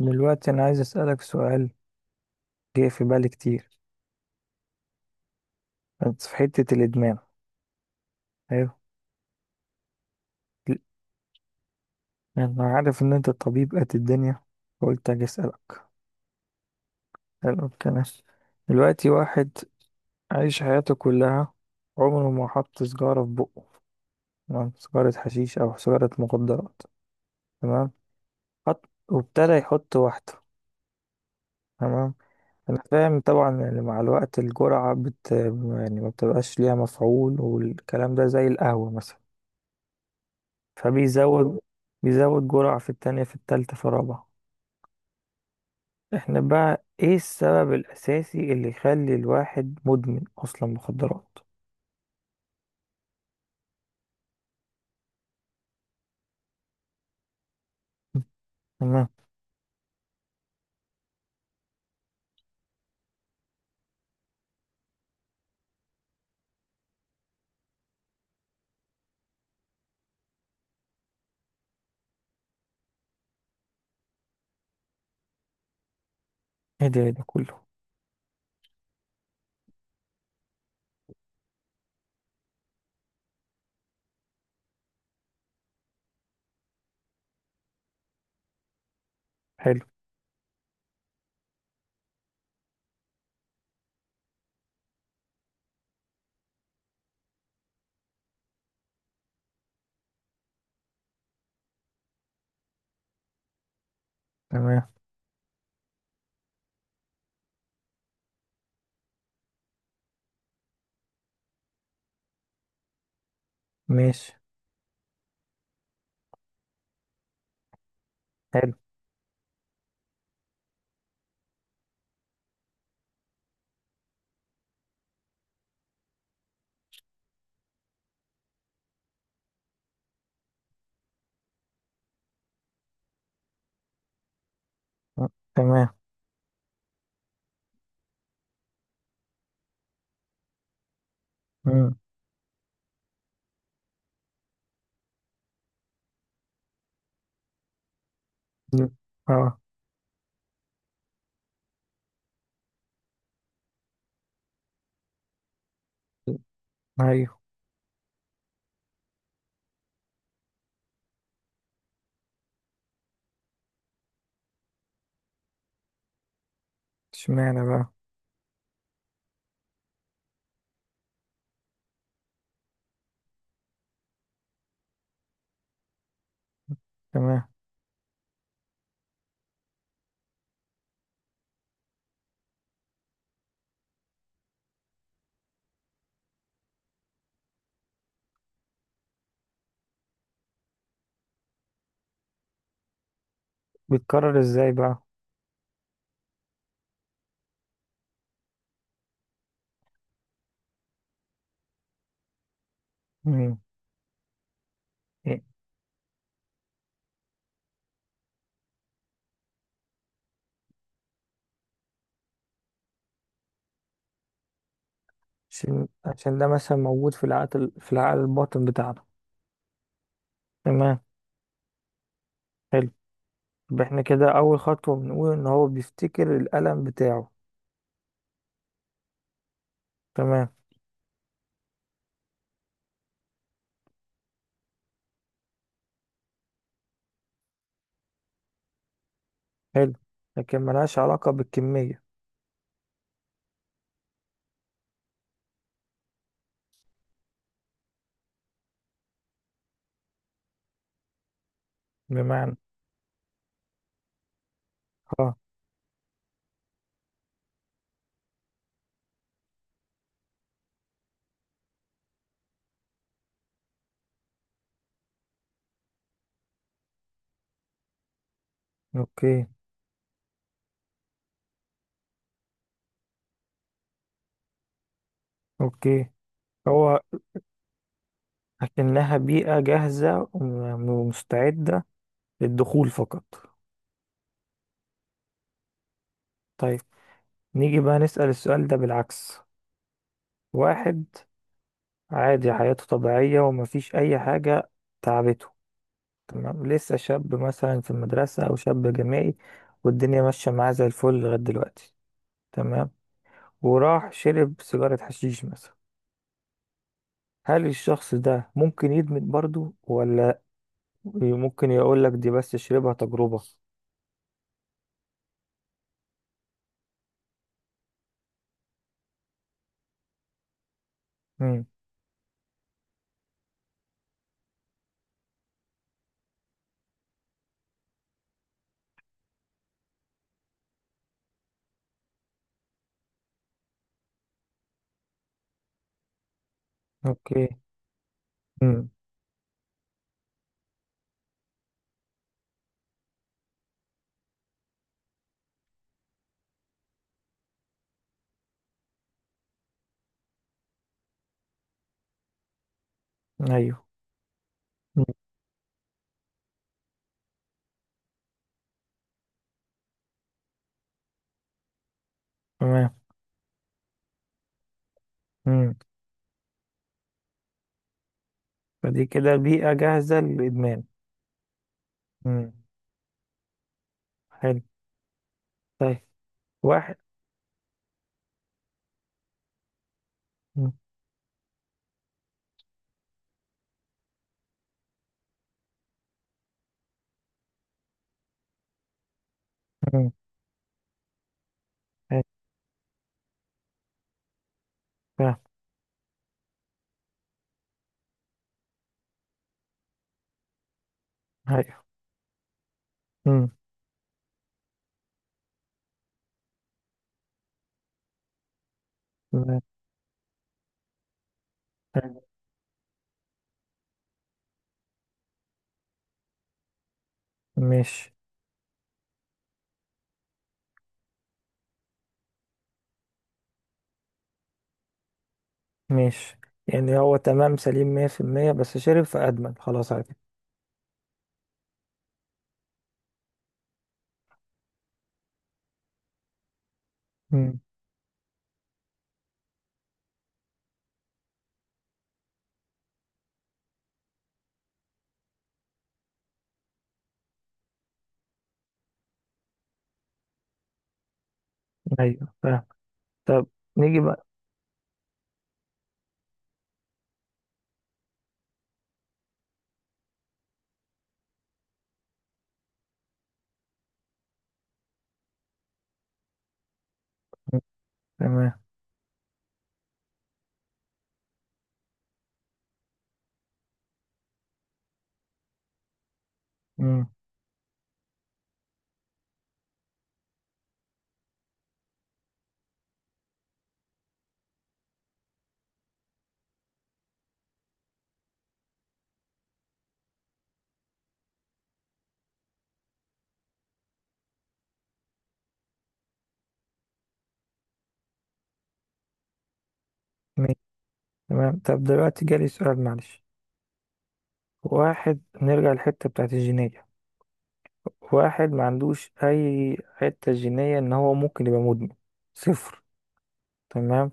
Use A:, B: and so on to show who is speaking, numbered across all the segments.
A: دلوقتي أنا عايز أسألك سؤال جه في بالي كتير. بس في حتة الإدمان. أيوه. أنا عارف إن أنت طبيب قد الدنيا، فقلت أجي أسألك. حلو الكلام. دلوقتي واحد عايش حياته كلها عمره ما حط سيجارة في بقه، تمام، سيجارة حشيش أو سيجارة مخدرات. تمام. حط وابتدى يحط واحدة. تمام. أنا فاهم طبعا، يعني مع الوقت الجرعة يعني ما بتبقاش ليها مفعول، والكلام ده زي القهوة مثلا، فبيزود جرعة في التانية في التالتة في الرابعة. احنا بقى ايه السبب الأساسي اللي يخلي الواحد مدمن أصلا مخدرات؟ م. تمام. ايه ده، إيه ده كله؟ حلو. تمام. ماشي. حلو. أه، تمام. مم. مم. اه. ايوه. اشمعنى بقى؟ تمام. بيتكرر ازاي بقى؟ مم. إيه؟ عشان ده مثلا موجود في العقل، في العقل الباطن بتاعنا. تمام. حلو. يبقى احنا كده أول خطوة بنقول إن هو بيفتكر الألم بتاعه. تمام. حلو. لكن ملهاش علاقة بالكمية. بمعنى. اه. اوكي. اوكي. هو إنها بيئة جاهزة ومستعدة للدخول فقط. طيب، نيجي بقى نسأل السؤال ده بالعكس. واحد عادي حياته طبيعية ومفيش أي حاجة تعبته، تمام، لسه شاب مثلا في المدرسة أو شاب جامعي، والدنيا ماشية معاه زي الفل لغاية دلوقتي. تمام. وراح شرب سيجارة حشيش مثلا. هل الشخص ده ممكن يدمن برضو، ولا ممكن يقول لك دي بس شربها تجربة؟ امم. اوكي. امم. ايوه. مم. تمام. امم. فدي كده بيئة جاهزة للإدمان. امم. حلو. طيب، واحد. مم. مم. حلو. فاهم. ايوه. مم. تمام. حلو. ماشي. ماشي يعني، هو تمام سليم 100% بس شرب فأدمن خلاص على كده. مم. ايوه فاهم. طب نيجي بقى. مم. تمام. مم. تمام. طب دلوقتي جالي سؤال معلش. واحد نرجع للحتة بتاعت الجينية. واحد ما عندوش أي حتة جينية إن هو ممكن يبقى مدمن، صفر. تمام.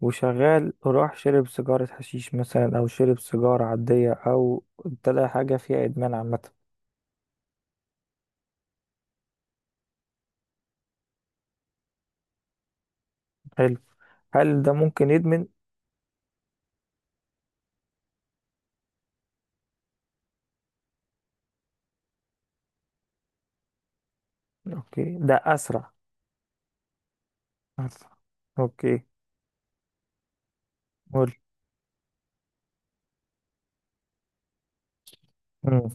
A: وشغال راح شرب سيجارة حشيش مثلا أو شرب سيجارة عادية أو ابتدى حاجة فيها إدمان عامة. حلو. هل ده ممكن يدمن؟ أوكي، ده أسرع؟ أسرع. أوكي. قول. مم.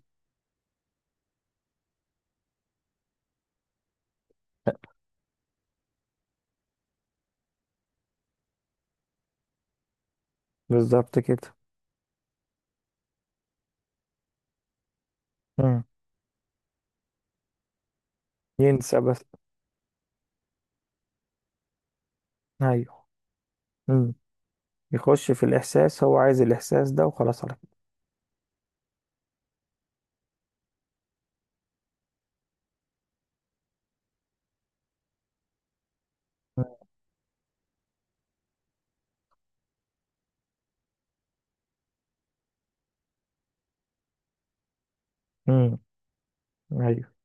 A: بالظبط كده. مم. ينسى بس. أيوه. يخش في الإحساس، هو عايز الإحساس ده وخلاص على كده. امم. أيوه.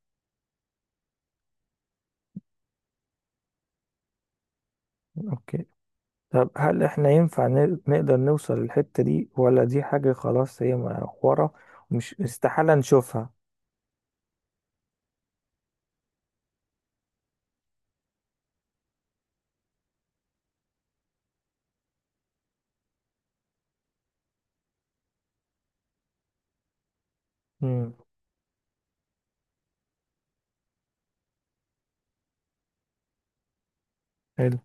A: أوكي. طب هل إحنا ينفع نقدر نوصل للحتة دي، ولا دي حاجة خلاص هي ورا ومش استحالة نشوفها؟ امم. حلو.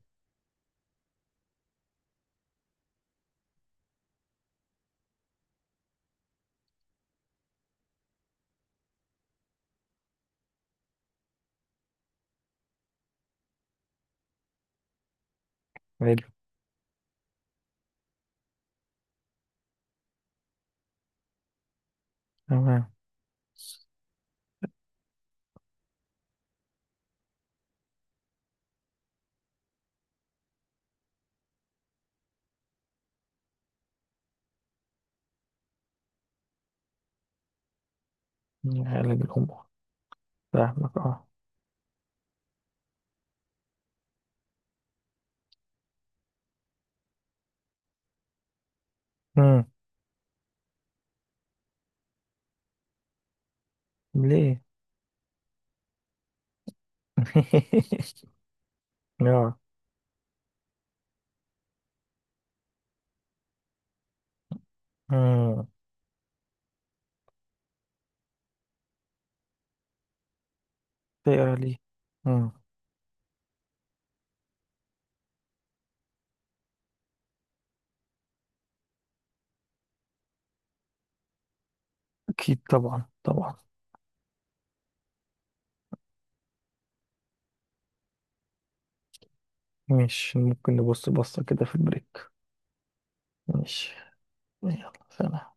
A: حلو. تمام. علاج الأمور. فاهمك أه. امم. ليه؟ آه. امم. تقرا ليه؟ امم. أكيد طبعا، طبعا. مش ممكن نبص بصة كده في البريك؟ ماشي. يلا سلام.